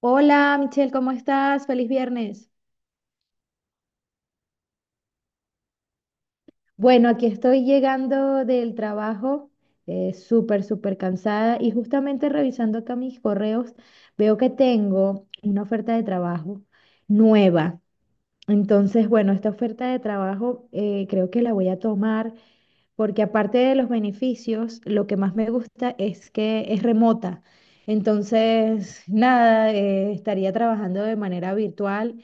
Hola Michelle, ¿cómo estás? Feliz viernes. Bueno, aquí estoy llegando del trabajo, súper, súper cansada y justamente revisando acá mis correos, veo que tengo una oferta de trabajo nueva. Entonces, bueno, esta oferta de trabajo creo que la voy a tomar porque aparte de los beneficios, lo que más me gusta es que es remota. Entonces, nada, estaría trabajando de manera virtual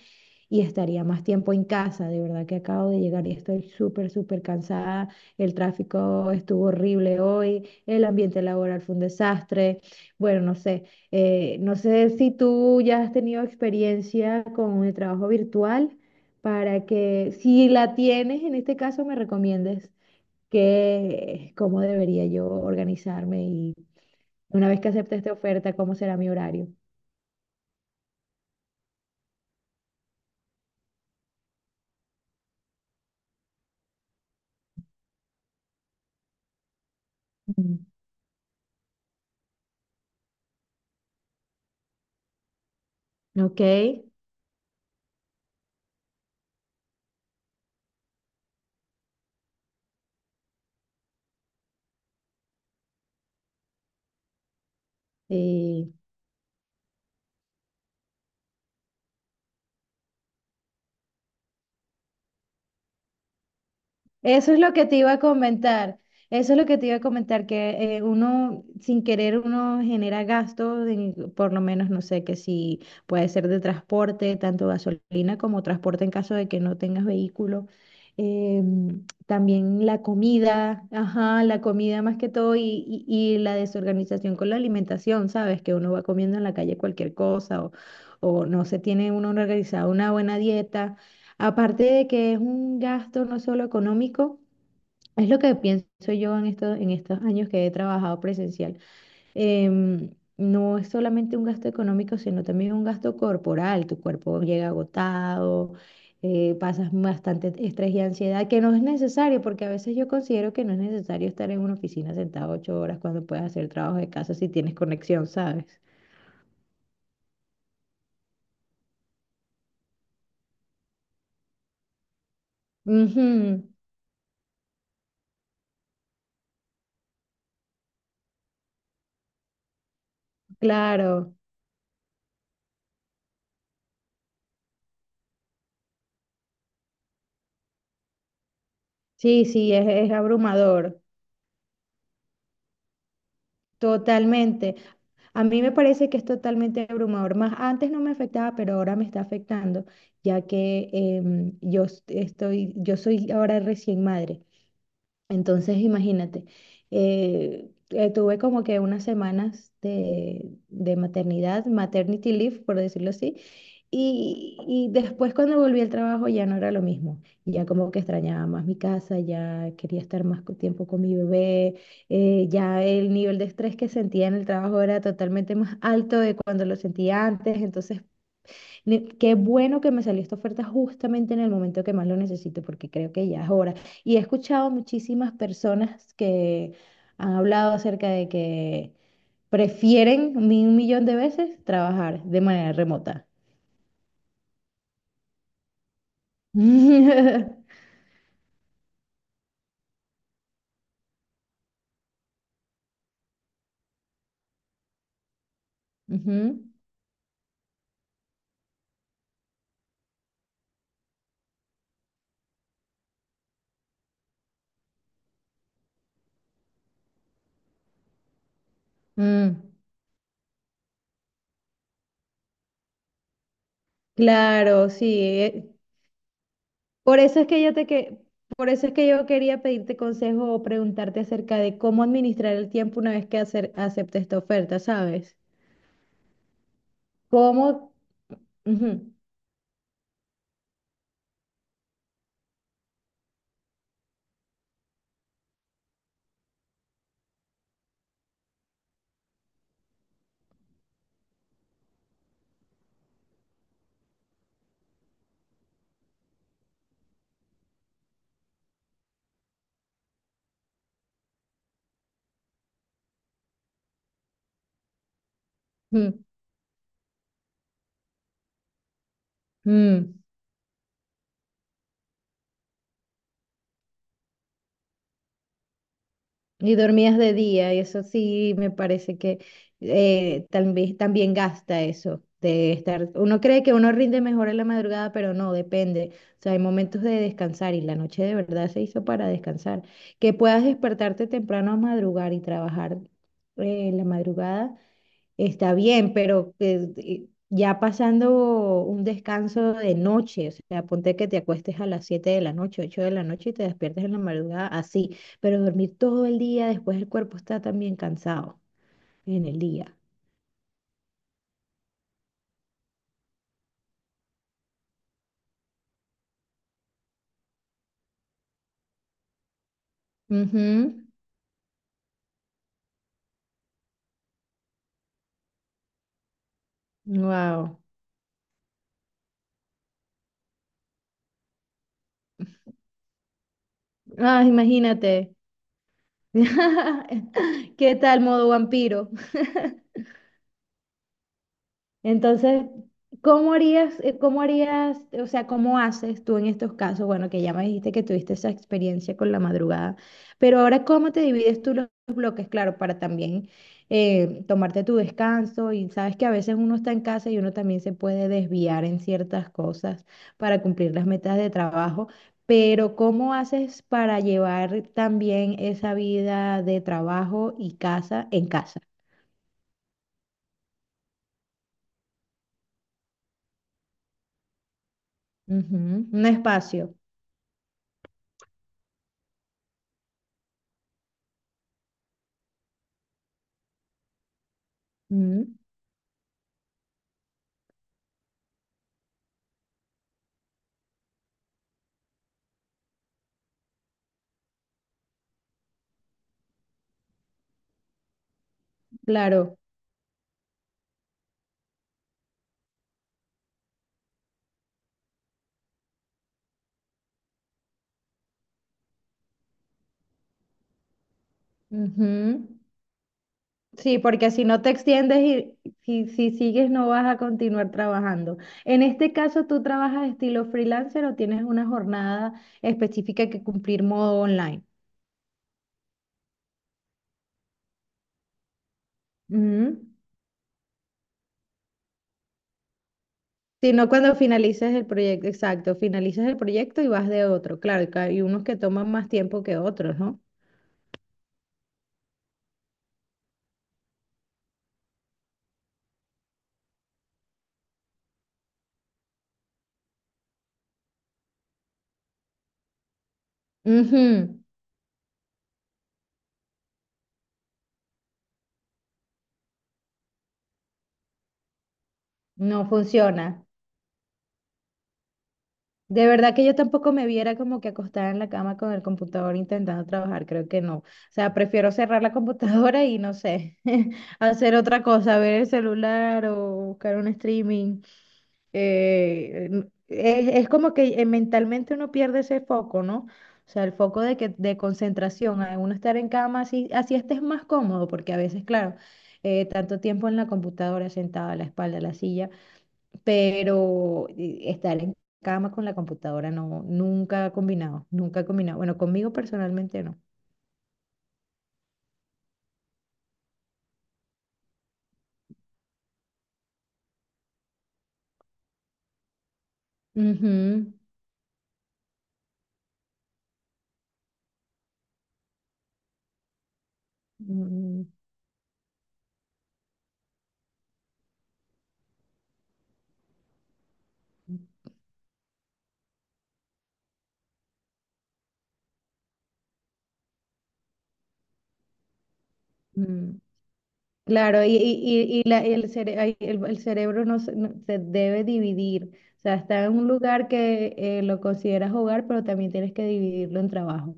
y estaría más tiempo en casa. De verdad que acabo de llegar y estoy súper, súper cansada. El tráfico estuvo horrible hoy, el ambiente laboral fue un desastre. Bueno, no sé, no sé si tú ya has tenido experiencia con el trabajo virtual para que, si la tienes, en este caso me recomiendes que cómo debería yo organizarme y una vez que acepte esta oferta, cómo será mi horario. Mm. Ok. eh, Eso es lo que te iba a comentar. Eso es lo que te iba a comentar, que uno sin querer uno genera gastos, por lo menos no sé, que si puede ser de transporte, tanto gasolina como transporte en caso de que no tengas vehículo. También la comida, ajá, la comida más que todo y la desorganización con la alimentación, ¿sabes? Que uno va comiendo en la calle cualquier cosa o no se tiene uno organizado una buena dieta. Aparte de que es un gasto no solo económico, es lo que pienso yo en en estos años que he trabajado presencial. Em, no es solamente un gasto económico, sino también un gasto corporal. Tu cuerpo llega agotado, pasas bastante estrés y ansiedad, que no es necesario, porque a veces yo considero que no es necesario estar en una oficina sentado 8 horas cuando puedes hacer trabajo de casa si tienes conexión, ¿sabes? Ujú, claro, sí, sí, es abrumador, totalmente. A mí me parece que es totalmente abrumador. Más antes no me afectaba, pero ahora me está afectando, ya que estoy, yo soy ahora recién madre. Entonces, imagínate, tuve como que unas semanas de maternidad, maternity leave, por decirlo así, y después cuando volví al trabajo ya no era lo mismo, ya como que extrañaba más mi casa, ya quería estar más tiempo con mi bebé, ya el nivel de estrés que sentía en el trabajo era totalmente más alto de cuando lo sentía antes, entonces qué bueno que me salió esta oferta justamente en el momento que más lo necesito, porque creo que ya es hora. Y he escuchado muchísimas personas que han hablado acerca de que prefieren 1 millón de veces trabajar de manera remota. Ujú. Mm, claro, sí. Por eso es que por eso es que yo quería pedirte consejo o preguntarte acerca de cómo administrar el tiempo una vez que acepte esta oferta, ¿sabes? ¿Cómo? Ujú, ujú, mm. Y dormías de día, y eso sí me parece que también, también gasta eso de estar. Uno cree que uno rinde mejor en la madrugada, pero no, depende. O sea, hay momentos de descansar y la noche de verdad se hizo para descansar. Que puedas despertarte temprano a madrugar y trabajar en la madrugada. Está bien, pero ya pasando un descanso de noche, o sea, ponte que te acuestes a las 7 de la noche, 8 de la noche y te despiertes en la madrugada así, pero dormir todo el día, después el cuerpo está también cansado en el día. Wow. Ah, imagínate. ¿Qué tal modo vampiro? Entonces, ¿cómo harías, o sea, cómo haces tú en estos casos? Bueno, que ya me dijiste que tuviste esa experiencia con la madrugada, pero ahora, ¿cómo te divides tú los bloques? Claro, para también tomarte tu descanso y sabes que a veces uno está en casa y uno también se puede desviar en ciertas cosas para cumplir las metas de trabajo. Pero ¿cómo haces para llevar también esa vida de trabajo y casa en casa? Ujú, un espacio. Claro. Ujú. Sí, porque si no te extiendes y si sigues no vas a continuar trabajando. En este caso, ¿tú trabajas estilo freelancer o tienes una jornada específica que cumplir modo online? Ujú. Si no, cuando finalices el proyecto, exacto, finalizas el proyecto y vas de otro. Claro, que hay unos que toman más tiempo que otros, ¿no? Ujú. No funciona. De verdad que yo tampoco me viera como que acostada en la cama con el computador intentando trabajar, creo que no. O sea, prefiero cerrar la computadora y no sé, hacer otra cosa, ver el celular o buscar un streaming. Es como que mentalmente uno pierde ese foco, ¿no? O sea, el foco de concentración, a uno estar en cama así, así estés más cómodo, porque a veces, claro, tanto tiempo en la computadora sentada, la espalda, la silla, pero estar en cama con la computadora no, nunca ha combinado, nunca ha combinado. Bueno, conmigo personalmente no. Ujú, mm, mm. Claro, y la- el, cere- ay, el cerebro se debe dividir. O sea, está en un lugar que lo consideras hogar, pero también tienes que dividirlo en trabajo.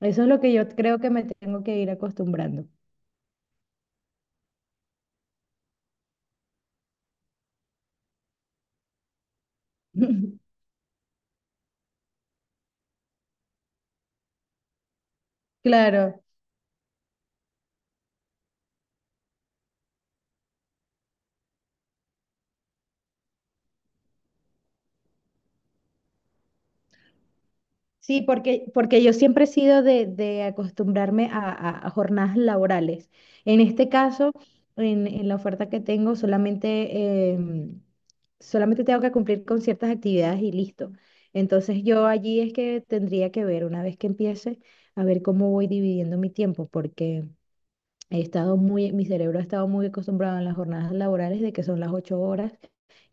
Eso es lo que yo creo que me tengo que ir acostumbrando. Claro. Sí, porque, porque yo siempre he sido de acostumbrarme a jornadas laborales. En este caso, en la oferta que tengo, solamente, solamente tengo que cumplir con ciertas actividades y listo. Entonces yo allí es que tendría que ver, una vez que empiece, a ver cómo voy dividiendo mi tiempo, porque he estado muy, mi cerebro ha estado muy acostumbrado en las jornadas laborales de que son las 8 horas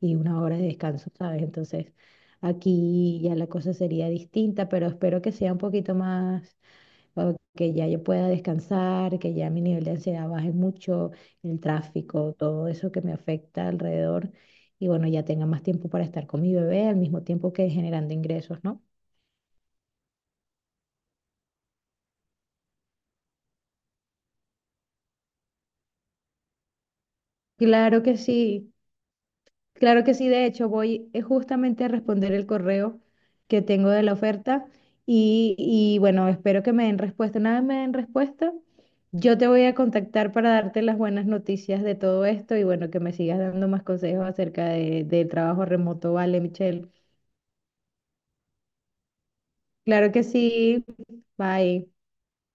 y una hora de descanso, ¿sabes? Entonces, aquí ya la cosa sería distinta, pero espero que sea un poquito más, o que ya yo pueda descansar, que ya mi nivel de ansiedad baje mucho, el tráfico, todo eso que me afecta alrededor, y bueno, ya tenga más tiempo para estar con mi bebé al mismo tiempo que generando ingresos, ¿no? Claro que sí. Claro que sí, de hecho, voy justamente a responder el correo que tengo de la oferta y, bueno, espero que me den respuesta. Una vez me den respuesta, yo te voy a contactar para darte las buenas noticias de todo esto y bueno, que me sigas dando más consejos acerca de, del trabajo remoto, ¿vale, Michelle? Claro que sí, bye.